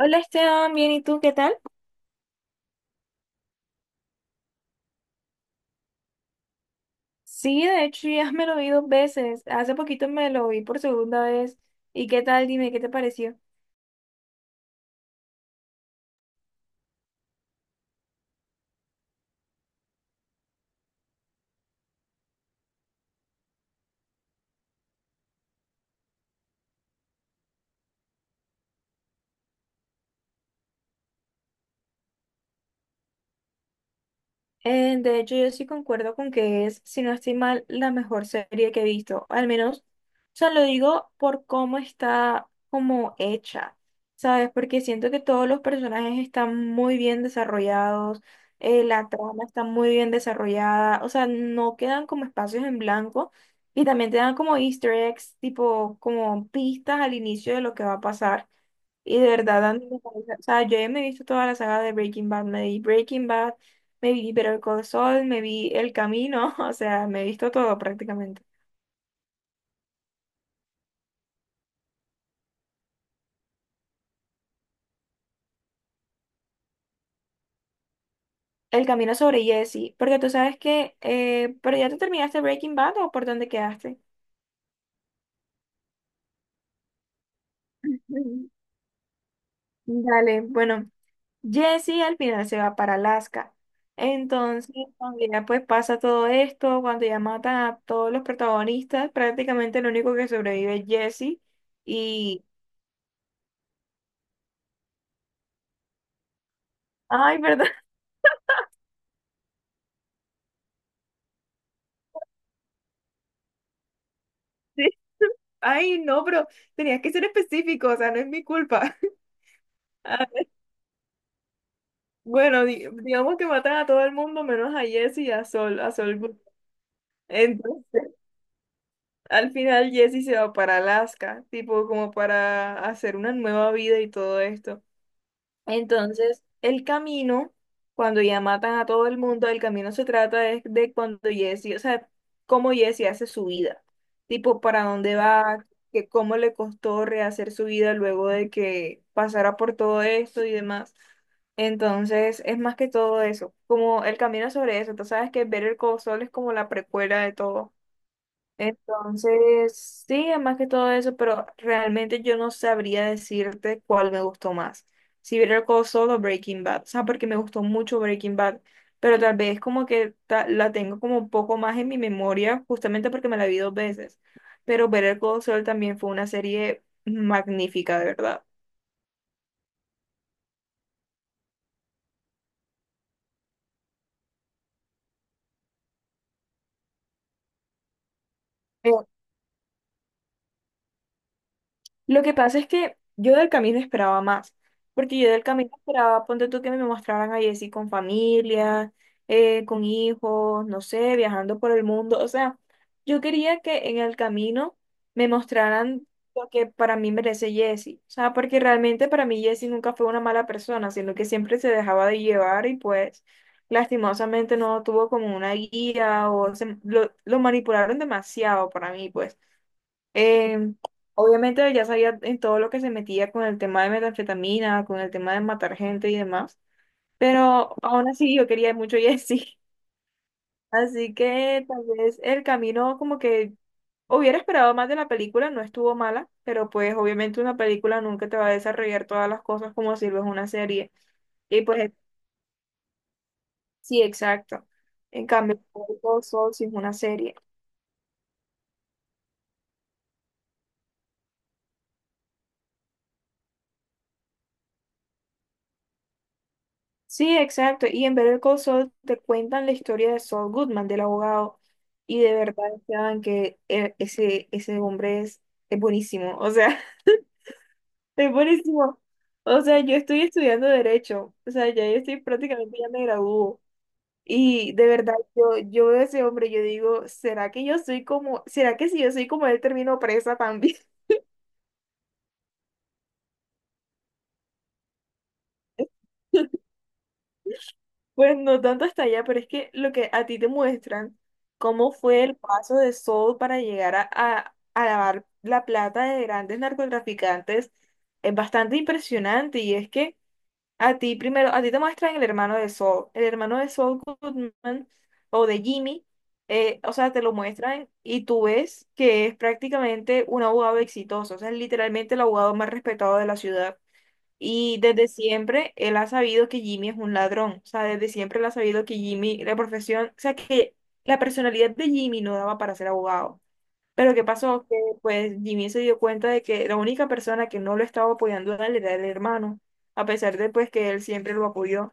Hola Esteban, bien, ¿y tú qué tal? Sí, de hecho ya me lo vi dos veces. Hace poquito me lo vi por segunda vez. ¿Y qué tal? Dime, ¿qué te pareció? De hecho, yo sí concuerdo con que es, si no estoy mal, la mejor serie que he visto. Al menos, o sea, lo digo por cómo está como hecha, ¿sabes? Porque siento que todos los personajes están muy bien desarrollados, la trama está muy bien desarrollada, o sea, no quedan como espacios en blanco, y también te dan como easter eggs, tipo como pistas al inicio de lo que va a pasar. Y de verdad, Andy, me parece- o sea, yo ya me he visto toda la saga de Breaking Bad, me vi Breaking Bad, me vi Better Call Saul, me vi El Camino, o sea, me he visto todo prácticamente. El Camino sobre Jesse, porque tú sabes que, pero ya tú terminaste Breaking Bad o por dónde quedaste. Ujú. Dale, bueno, Jesse al final se va para Alaska. Entonces, cuando ya pues pasa todo esto, cuando ya matan a todos los protagonistas, prácticamente el único que sobrevive es Jesse y... Ay, perdón. Ay, no, pero tenías que ser específico, o sea, no es mi culpa. Ah, bueno, digamos que matan a todo el mundo menos a Jesse y a Sol, a Sol Goodman. Entonces, al final Jesse se va para Alaska, tipo como para hacer una nueva vida y todo esto. Entonces, el camino, cuando ya matan a todo el mundo, el camino se trata es de cuando Jesse, o sea, cómo Jesse hace su vida, tipo para dónde va, que cómo le costó rehacer su vida luego de que pasara por todo esto y demás. Entonces, es más que todo eso, como el camino sobre eso. Tú sabes que Better Call Saul es como la precuela de todo. Entonces, sí, más que todo eso, pero realmente yo no sabría decirte cuál me gustó más. Si Better Call Saul o Breaking Bad, o sea, porque me gustó mucho Breaking Bad, pero tal vez como que la tengo como un poco más en mi memoria, justamente porque me la vi dos veces. Pero Better Call Saul también fue una serie magnífica, de verdad. Lo que pasa es que yo del camino esperaba más, porque yo del camino esperaba, ponte tú que me mostraran a Jessie con familia, con hijos, no sé, viajando por el mundo, o sea, yo quería que en el camino me mostraran lo que para mí merece Jessie, o sea, porque realmente para mí Jessie nunca fue una mala persona, sino que siempre se dejaba de llevar y pues lastimosamente no tuvo como una guía o lo manipularon demasiado para mí, pues. Em, Obviamente ya sabía en todo lo que se metía con el tema de metanfetamina, con el tema de matar gente y demás, pero aún así yo quería mucho a Jesse. Así que tal vez el camino como que hubiera esperado más de la película, no estuvo mala, pero pues obviamente una película nunca te va a desarrollar todas las cosas como si lo es una serie. Y pues sí, exacto. En cambio, Better Call Saul sí es una serie. Sí, exacto. Y en Better Call Saul te cuentan la historia de Saul Goodman, del abogado. Y de verdad, Esteban, que ese hombre es buenísimo. O sea, es buenísimo. O sea, yo estoy estudiando Derecho. O sea, ya yo estoy prácticamente ya me gradúo. Y de verdad, yo veo a ese hombre, yo digo, ¿será que yo soy como, será que si yo soy como él termino presa también? Pues no tanto hasta allá, pero es que lo que a ti te muestran, cómo fue el paso de Saul para llegar a lavar la plata de grandes narcotraficantes, es bastante impresionante. Y es que a ti primero, a ti te muestran el hermano de Saul, el hermano de Saul Goodman o de Jimmy, o sea, te lo muestran y tú ves que es prácticamente un abogado exitoso, o sea, es literalmente el abogado más respetado de la ciudad. Y desde siempre él ha sabido que Jimmy es un ladrón. O sea, desde siempre él ha sabido que Jimmy, la profesión, o sea, que la personalidad de Jimmy no daba para ser abogado. Pero ¿qué pasó? Que pues Jimmy se dio cuenta de que la única persona que no lo estaba apoyando a él era el hermano, a pesar de pues que él siempre lo apoyó.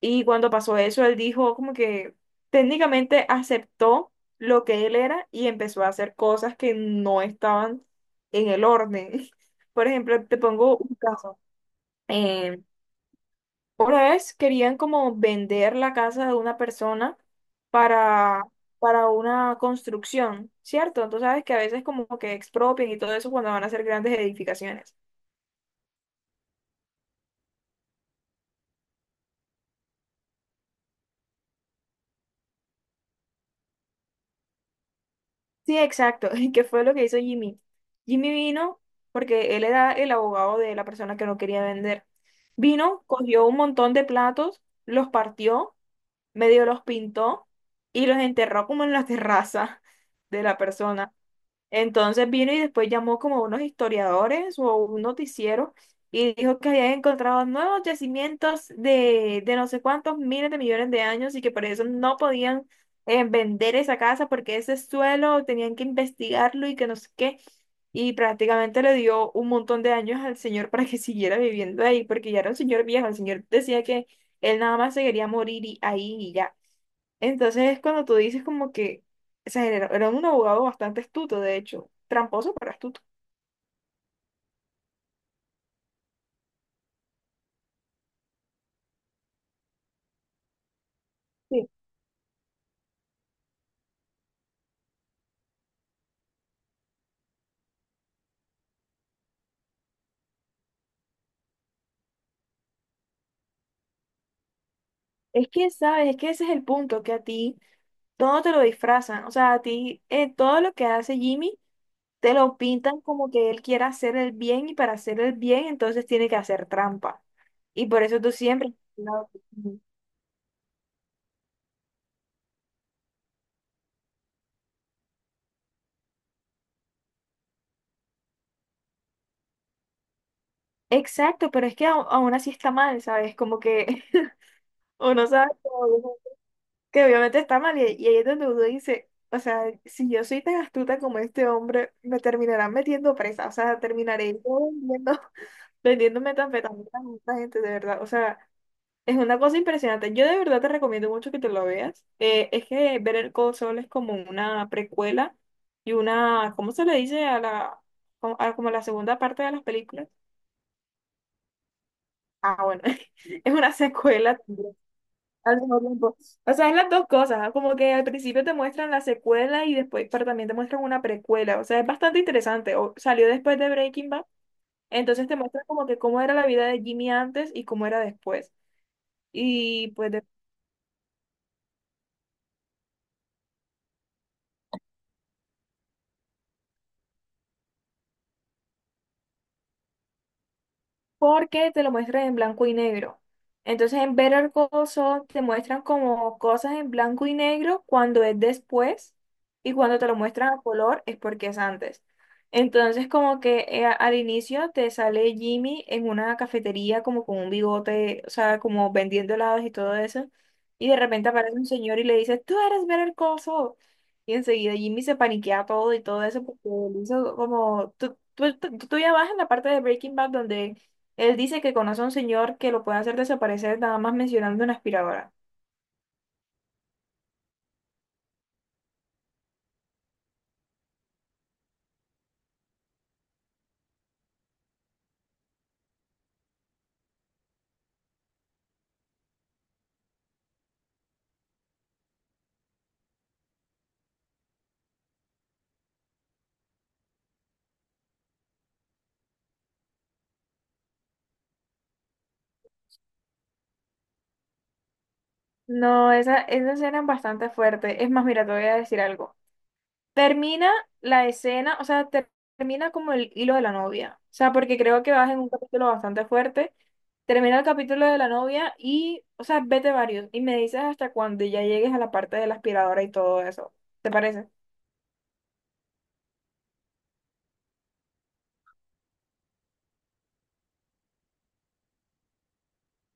Y cuando pasó eso, él dijo como que técnicamente aceptó lo que él era y empezó a hacer cosas que no estaban en el orden. Por ejemplo, te pongo un caso. Em, una vez querían como vender la casa de una persona para, para una construcción, ¿cierto? Tú sabes que a veces como que expropian y todo eso cuando van a hacer grandes edificaciones. Sí, exacto. ¿Y qué fue lo que hizo Jimmy? Jimmy vino porque él era el abogado de la persona que no quería vender. Vino, cogió un montón de platos, los partió, medio los pintó y los enterró como en la terraza de la persona. Entonces vino y después llamó como a unos historiadores o un noticiero y dijo que habían encontrado nuevos yacimientos de no sé cuántos miles de millones de años y que por eso no podían vender esa casa porque ese suelo tenían que investigarlo y que no sé qué. Y prácticamente le dio un montón de años al señor para que siguiera viviendo ahí porque ya era un señor viejo. El señor decía que él nada más se quería morir y- ahí y ya. Entonces es cuando tú dices como que, o sea, era, era un abogado bastante astuto, de hecho, tramposo, pero astuto. Sí, es que, ¿sabes? Es que ese es el punto, que a ti todo te lo disfrazan, o sea, a ti todo lo que hace Jimmy te lo pintan como que él quiere hacer el bien y para hacer el bien entonces tiene que hacer trampa. Y por eso tú siempre... No. Exacto, pero es que aún así está mal, ¿sabes? Como que uno sabe todo, que obviamente está mal, y ahí es donde uno dice, o sea, si yo soy tan astuta como este hombre, me terminarán metiendo presa, o sea, terminaré yo vendiendo, vendiendo metanfetaminas a esta gente, de verdad, o sea, es una cosa impresionante. Yo de verdad te recomiendo mucho que te lo veas. Es que ver el Saul es como una precuela y una, ¿cómo se le dice a la, como como la segunda parte de las películas? Ah, bueno, es una secuela al mismo tiempo. O sea, es las dos cosas, ¿ah? Como que al principio te muestran la secuela y después, pero también te muestran una precuela. O sea, es bastante interesante. O, salió después de Breaking Bad, entonces te muestran como que cómo era la vida de Jimmy antes y cómo era después. Y pues de porque te lo muestran en blanco y negro. Entonces en Better Call Saul te muestran como cosas en blanco y negro cuando es después y cuando te lo muestran a color es porque es antes. Entonces como que al inicio te sale Jimmy en una cafetería como con un bigote, o sea, como vendiendo helados y todo eso. Y de repente aparece un señor y le dice, "tú eres Better Call Saul". Y enseguida Jimmy se paniquea todo y todo eso porque él hizo como, tú ya vas en la parte de Breaking Bad donde él dice que conoce a un señor que lo puede hacer desaparecer nada más mencionando una aspiradora. No, esa escena es bastante fuerte. Es más, mira, te voy a decir algo. Termina la escena, o sea, termina como el hilo de la novia. O sea, porque creo que vas en un capítulo bastante fuerte. Termina el capítulo de la novia y, o sea, vete varios. Y me dices hasta cuando ya llegues a la parte de la aspiradora y todo eso. ¿Te parece?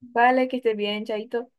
Vale, que estés bien, chaito.